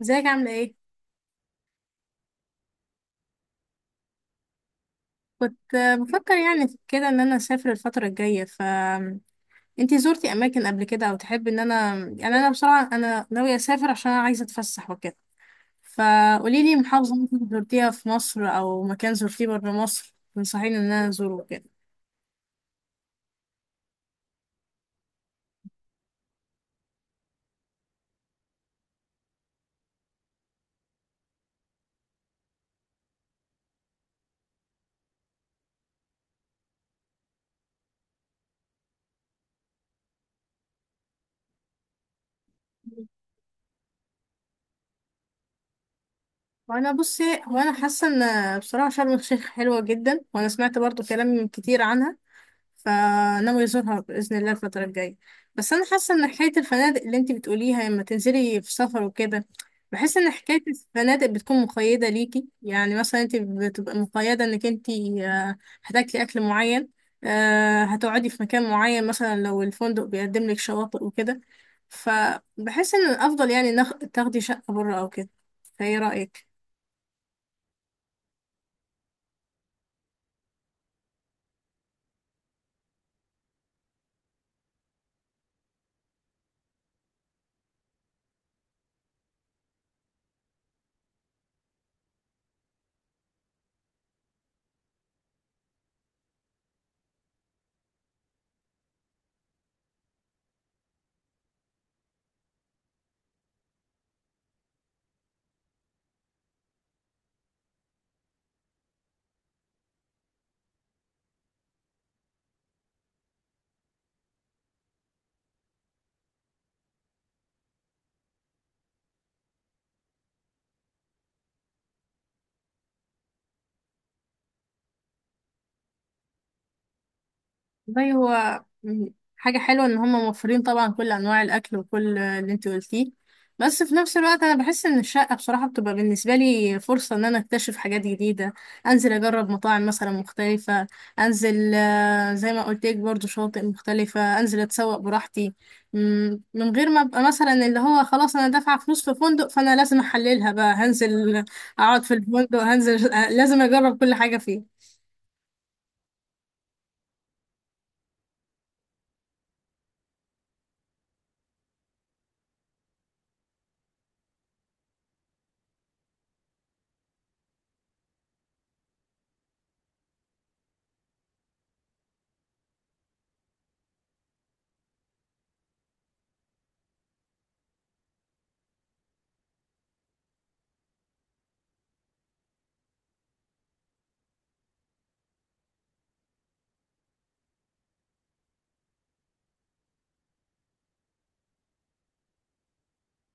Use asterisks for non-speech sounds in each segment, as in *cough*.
ازيك عاملة ايه؟ كنت بفكر يعني في كده ان انا اسافر الفترة الجاية ف انتي زرتي اماكن قبل كده او تحبي ان انا بصراحة انا ناوية اسافر عشان انا عايزة اتفسح وكده. فقولي لي محافظة ممكن زرتيها في مصر او مكان زرتيه بره مصر تنصحيني ان انا ازوره كده. وانا حاسة ان بصراحة شرم الشيخ حلوة جدا، وانا سمعت برضو كلام كتير عنها، فناوي أزورها بإذن الله الفترة الجاية. بس أنا حاسة إن حكاية الفنادق اللي أنتي بتقوليها لما تنزلي في سفر وكده، بحس إن حكاية الفنادق بتكون مقيدة ليكي، يعني مثلا أنتي بتبقى مقيدة إنك أنتي هتاكلي أكل معين، هتقعدي في مكان معين مثلا لو الفندق بيقدم لك شواطئ وكده. فبحس إن الأفضل يعني تاخدي شقة بره أو كده. فإيه رأيك؟ والله حاجة حلوة إن هم موفرين طبعا كل أنواع الأكل وكل اللي أنت قلتيه، بس في نفس الوقت أنا بحس إن الشقة بصراحة بتبقى بالنسبة لي فرصة إن أنا أكتشف حاجات جديدة، أنزل أجرب مطاعم مثلا مختلفة، أنزل زي ما قلت لك برضو شواطئ مختلفة، أنزل أتسوق براحتي من غير ما أبقى مثلا اللي هو خلاص أنا دافعة فلوس في فندق فأنا لازم أحللها بقى، هنزل أقعد في الفندق، هنزل *laughs* لازم أجرب كل حاجة فيه.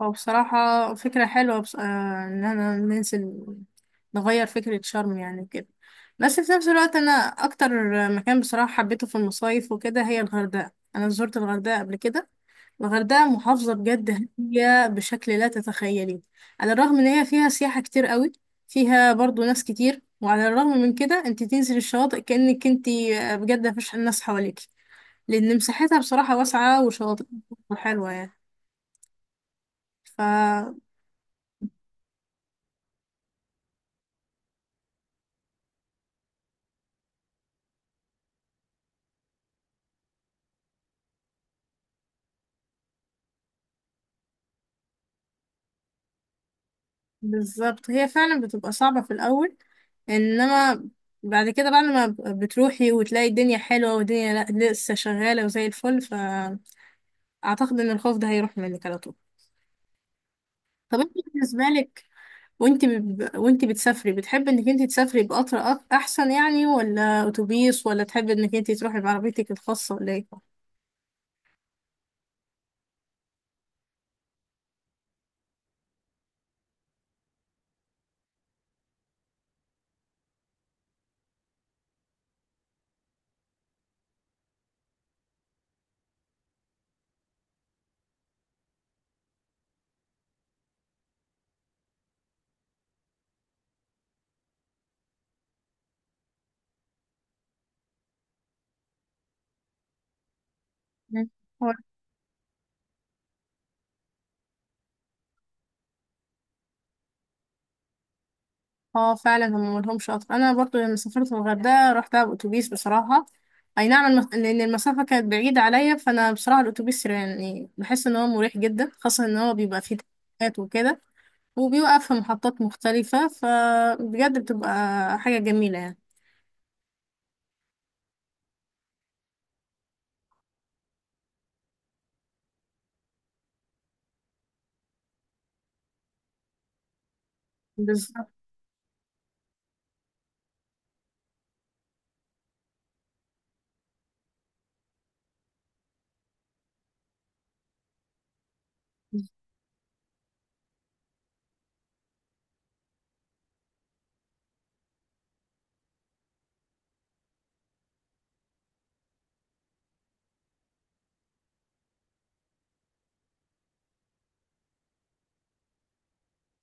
هو بصراحة فكرة حلوة بص... آه إن أنا ننزل نغير فكرة شرم يعني كده. بس في نفس الوقت أنا أكتر مكان بصراحة حبيته في المصايف وكده هي الغردقة. أنا زرت الغردقة قبل كده. الغردقة محافظة بجد هادية بشكل لا تتخيليه، على الرغم إن هي فيها سياحة كتير قوي، فيها برضو ناس كتير، وعلى الرغم من كده أنت تنزل الشواطئ كأنك أنت بجد مفيش ناس حواليك، لأن مساحتها بصراحة واسعة وشواطئ حلوة يعني. ف بالظبط هي فعلا بتبقى صعبة في الأول، إنما بعد كده، بعد ما بتروحي وتلاقي الدنيا حلوة والدنيا لسه شغالة وزي الفل، فأعتقد إن الخوف ده هيروح منك على طول. طب أنت بالنسبة لك، وأنت بتسافري بتحبي إنك أنت تسافري بقطر أحسن يعني، ولا أتوبيس، ولا تحبي إنك أنت تروحي بعربيتك الخاصة، ولا إيه؟ اه فعلا هم ملهمش اصلا. انا برضو لما سافرت الغردقه رحتها باوتوبيس بصراحه. اي نعم لان المسافه كانت بعيده عليا، فانا بصراحه الاوتوبيس يعني بحس ان هو مريح جدا، خاصه ان هو بيبقى فيه تكات وكده، وبيوقف في محطات مختلفه، فبجد بتبقى حاجه جميله يعني. بالظبط،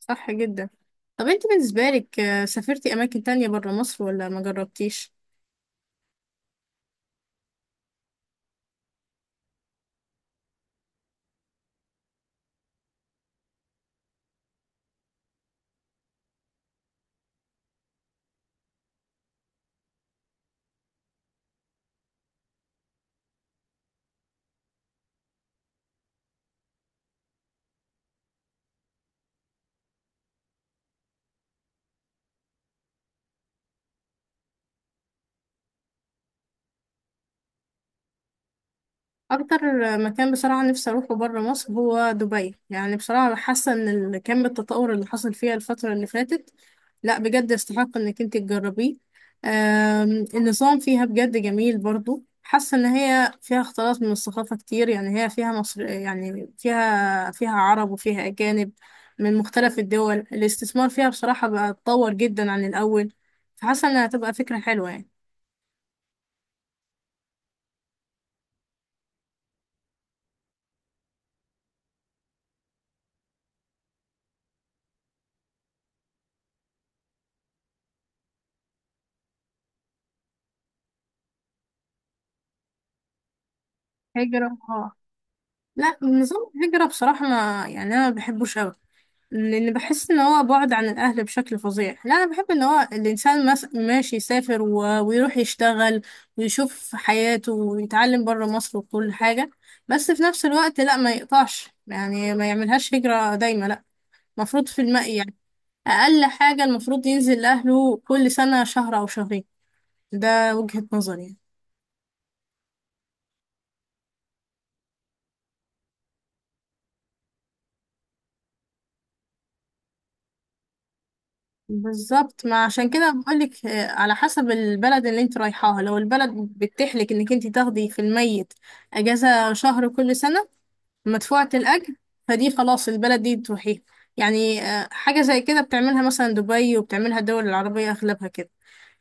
صح جدا. طب انت بالنسبه لك سافرتي اماكن تانية برا مصر ولا ما جربتيش؟ اكتر مكان بصراحه نفسي اروحه بره مصر هو دبي. يعني بصراحه حاسه ان كم التطور اللي حصل فيها الفتره اللي فاتت لا بجد يستحق انك انت تجربيه. النظام فيها بجد جميل، برضو حاسه ان هي فيها اختلاط من الثقافه كتير، يعني هي فيها مصر يعني فيها عرب وفيها اجانب من مختلف الدول. الاستثمار فيها بصراحه بقى اتطور جدا عن الاول، فحاسه انها هتبقى فكره حلوه يعني. هجرة؟ اه لا نظام الهجرة بصراحة ما يعني أنا ما بحبوش أوي، لأن بحس إن هو بعد عن الأهل بشكل فظيع. لا أنا بحب إن هو الإنسان ماشي يسافر ويروح يشتغل ويشوف حياته ويتعلم برا مصر وكل حاجة، بس في نفس الوقت لا ما يقطعش، يعني ما يعملهاش هجرة دايما لا. مفروض في الماء يعني أقل حاجة المفروض ينزل لأهله كل سنة شهر أو شهرين. ده وجهة نظري يعني. بالظبط، ما عشان كده بقولك على حسب البلد اللي انت رايحاها. لو البلد بتحلك انك انت تاخدي في الميت اجازة شهر كل سنة مدفوعة الاجر، فدي خلاص البلد دي تروحيها، يعني حاجة زي كده بتعملها مثلا دبي وبتعملها الدول العربية اغلبها كده.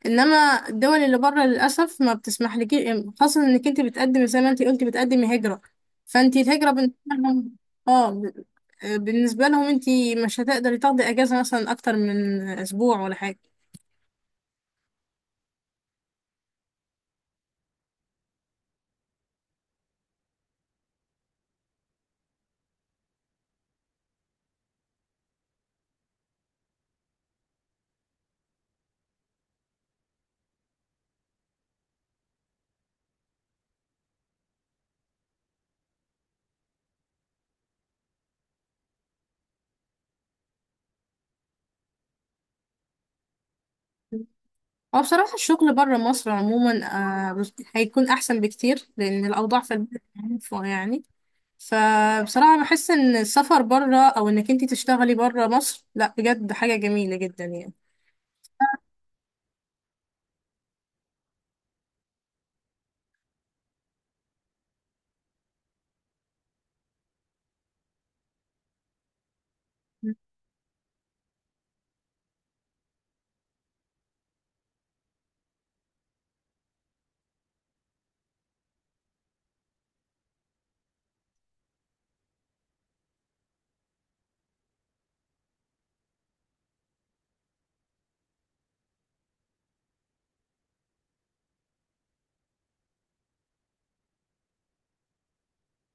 انما الدول اللي بره للاسف ما بتسمح لك، خاصه انك انت بتقدمي زي ما انت قلتي بتقدمي هجره، فانت الهجره بالنسبه لهم، اه بالنسبه لهم انت مش هتقدري تاخدي اجازه مثلا اكتر من اسبوع ولا حاجه. هو بصراحه الشغل بره مصر عموما هيكون احسن بكتير لان الاوضاع في البلد عارفة يعني، فبصراحه بحس ان السفر بره او انك انت تشتغلي بره مصر لا بجد حاجه جميله جدا يعني.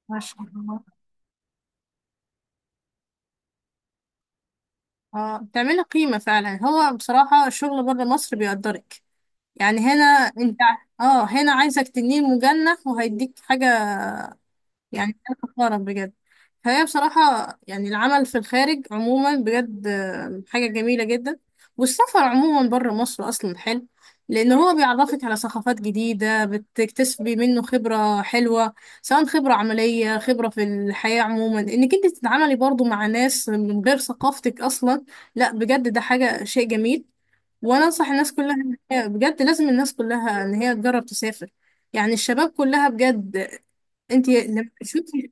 ما شاء الله. اه بتعملي قيمة فعلا. هو بصراحة الشغل بره مصر بيقدرك يعني، هنا انت هنا عايزك تنين مجنح وهيديك حاجة، يعني أنا فخورة بجد. فهي بصراحة يعني العمل في الخارج عموما بجد حاجة جميلة جدا، والسفر عموما بره مصر أصلا حلو، لأن هو بيعرفك على ثقافات جديدة، بتكتسبي منه خبرة حلوة، سواء خبرة عملية، خبرة في الحياة عموما، إنك أنت تتعاملي برضو مع ناس من غير ثقافتك أصلا. لا بجد ده حاجة شيء جميل. وانا انصح الناس كلها إن بجد لازم الناس كلها ان هي تجرب تسافر، يعني الشباب كلها بجد. انت لما تشوفي،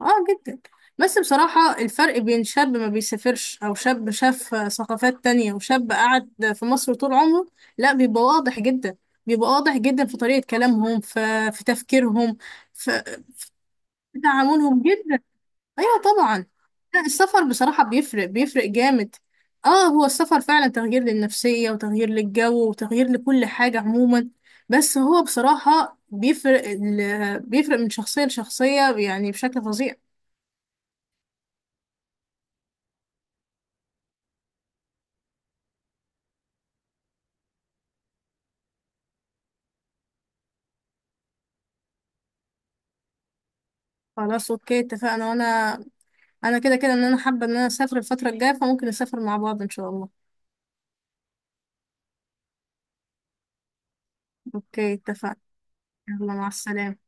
اه جدا. بس بصراحة الفرق بين شاب ما بيسافرش او شاب شاف ثقافات تانية، وشاب قعد في مصر طول عمره، لا بيبقى واضح جدا. بيبقى واضح جدا في طريقة كلامهم، في في تفكيرهم، في في تعاملهم جدا. ايوه طبعا. لا السفر بصراحة بيفرق، بيفرق جامد. اه هو السفر فعلا تغيير للنفسية وتغيير للجو وتغيير لكل حاجة عموما، بس هو بصراحة بيفرق بيفرق من شخصية لشخصية يعني بشكل فظيع. خلاص اوكي اتفقنا، وانا كده كده ان انا حابة ان انا اسافر الفترة الجاية، فممكن نسافر مع بعض ان شاء الله. اوكي اتفقنا. يلا مع السلامة.